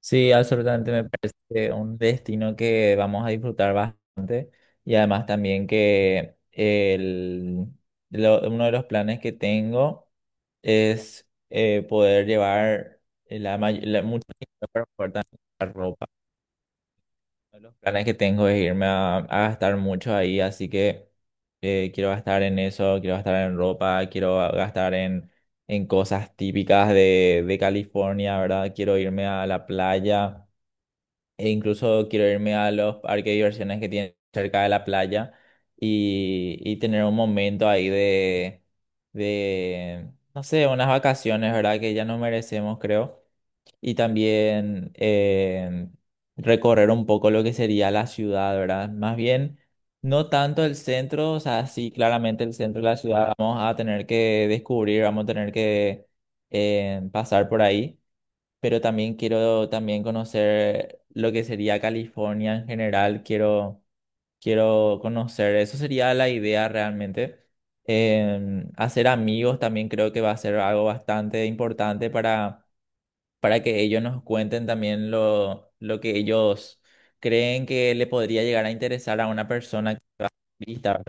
Sí, absolutamente me parece un destino que vamos a disfrutar bastante y además también que uno de los planes que tengo es poder llevar mucho dinero para poder también comprar ropa. Uno de los planes que tengo es irme a gastar mucho ahí, así que quiero gastar en eso, quiero gastar en ropa, quiero gastar en cosas típicas de California, ¿verdad? Quiero irme a la playa. E incluso quiero irme a los parques de diversiones que tienen cerca de la playa y tener un momento ahí no sé, unas vacaciones, ¿verdad? Que ya no merecemos, creo. Y también recorrer un poco lo que sería la ciudad, ¿verdad? Más bien, no tanto el centro, o sea, sí, claramente el centro de la ciudad vamos a tener que descubrir, vamos a tener que pasar por ahí, pero también quiero también conocer lo que sería California en general, quiero conocer, eso sería la idea realmente. Hacer amigos también creo que va a ser algo bastante importante para que ellos nos cuenten también lo que ellos creen que le podría llegar a interesar a una persona turista.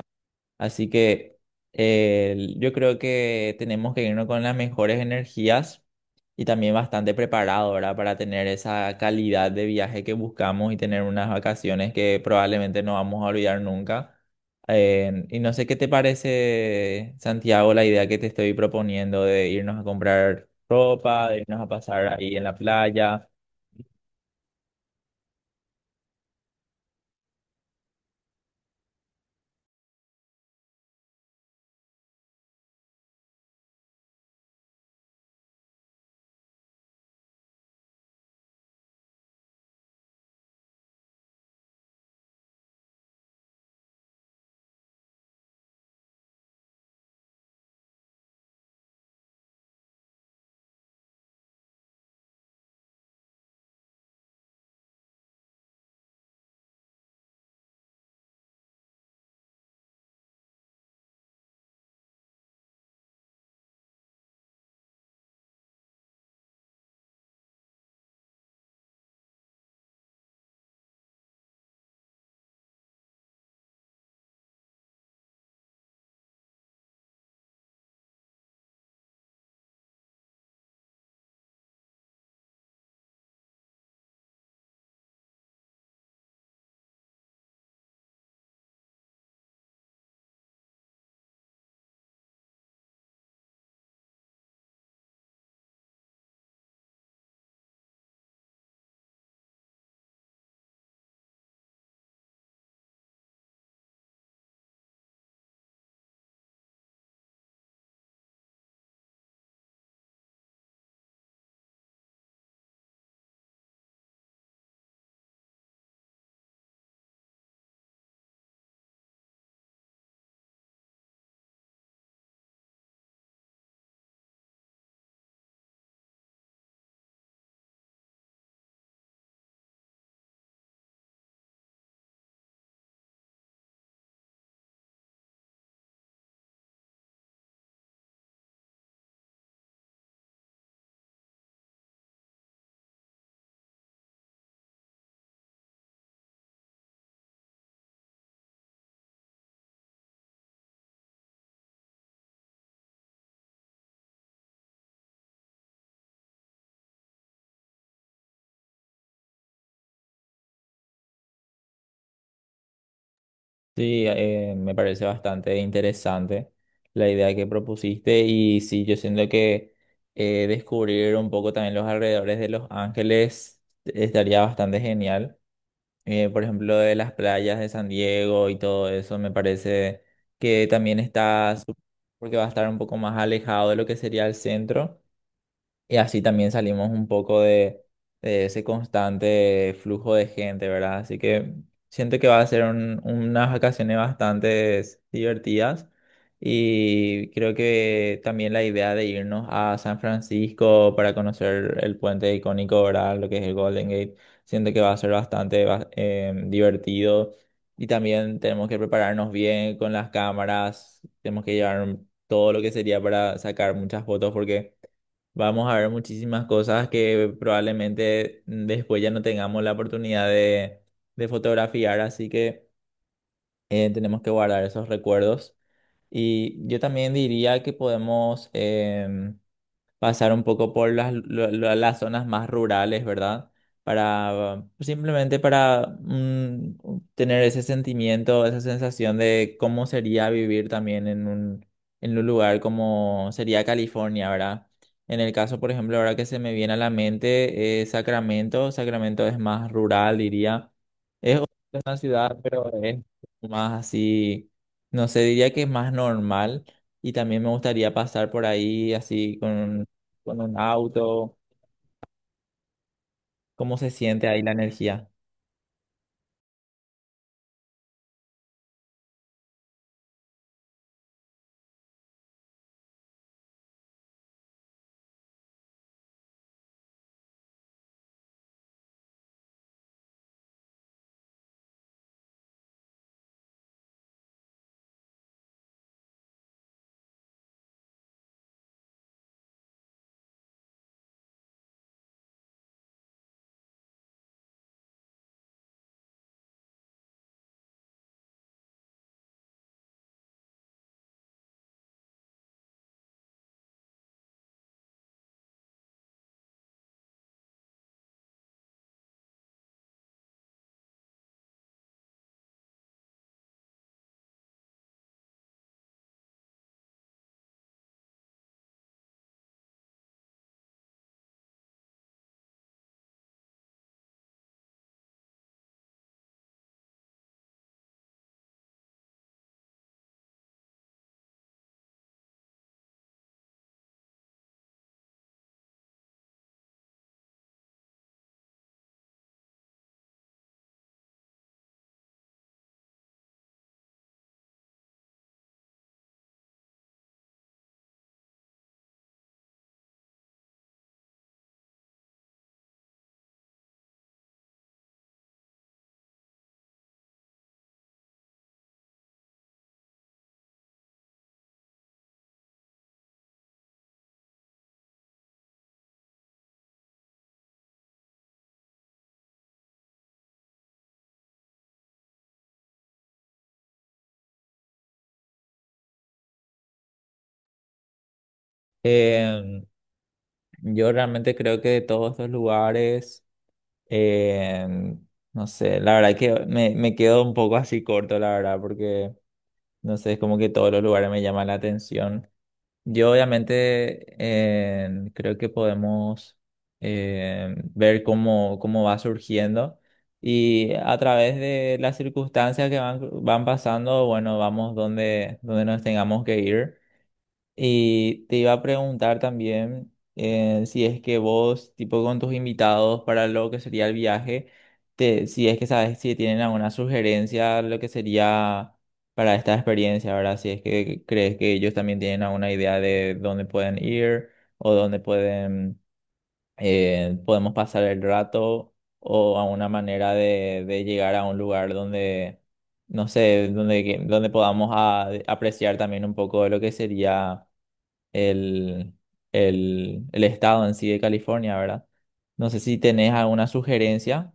Así que yo creo que tenemos que irnos con las mejores energías y también bastante preparado, ¿verdad? Para tener esa calidad de viaje que buscamos y tener unas vacaciones que probablemente no vamos a olvidar nunca. Y no sé qué te parece, Santiago, la idea que te estoy proponiendo de irnos a comprar ropa, de irnos a pasar ahí en la playa. Sí, me parece bastante interesante la idea que propusiste y sí, yo siento que descubrir un poco también los alrededores de Los Ángeles estaría bastante genial. Por ejemplo, de las playas de San Diego y todo eso, me parece que también está, su- porque va a estar un poco más alejado de lo que sería el centro. Y así también salimos un poco de ese constante flujo de gente, ¿verdad? Así que siento que va a ser un- unas vacaciones bastante divertidas. Y creo que también la idea de irnos a San Francisco para conocer el puente icónico, ¿verdad? Lo que es el Golden Gate, siento que va a ser bastante va- divertido. Y también tenemos que prepararnos bien con las cámaras, tenemos que llevar todo lo que sería para sacar muchas fotos porque vamos a ver muchísimas cosas que probablemente, mm, después ya no tengamos la oportunidad de fotografiar, así que tenemos que guardar esos recuerdos. Y yo también diría que podemos pasar un poco por las zonas más rurales, ¿verdad? Para simplemente tener ese sentimiento, esa sensación de cómo sería vivir también en en un lugar como sería California, ¿verdad? En el caso, por ejemplo, ahora que se me viene a la mente, Sacramento, Sacramento es más rural, diría. Es una ciudad, pero es más así, no sé, diría que es más normal y también me gustaría pasar por ahí así con un auto, cómo se siente ahí la energía. Em, yo realmente creo que de todos estos lugares, em, no sé, la verdad que me quedo un poco así corto, la verdad, porque no sé, es como que todos los lugares me llaman la atención. Yo obviamente creo que podemos ver cómo va surgiendo y a través de las circunstancias que van pasando, bueno, vamos donde nos tengamos que ir. Y te iba a preguntar también si es que vos, tipo con tus invitados para lo que sería el viaje, si es que sabes si tienen alguna sugerencia lo que sería para esta experiencia, ¿verdad? Si es que crees que ellos también tienen alguna idea de dónde pueden ir o dónde pueden, podemos pasar el rato o alguna manera de llegar a un lugar donde, no sé, donde, que- donde podamos a- apreciar también un poco de lo que sería el, el estado en sí de California, ¿verdad? No sé si tenés alguna sugerencia.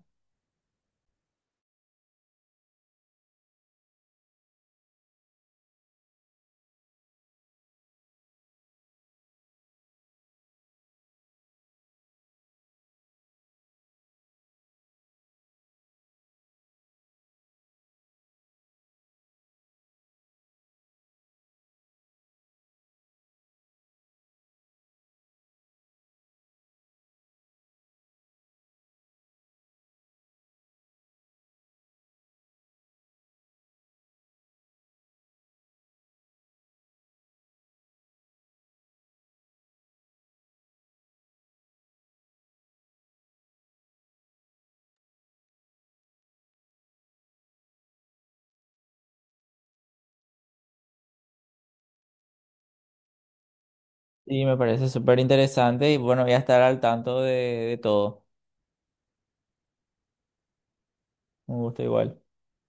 Sí, me parece súper interesante y bueno, voy a estar al tanto de todo. Un gusto igual.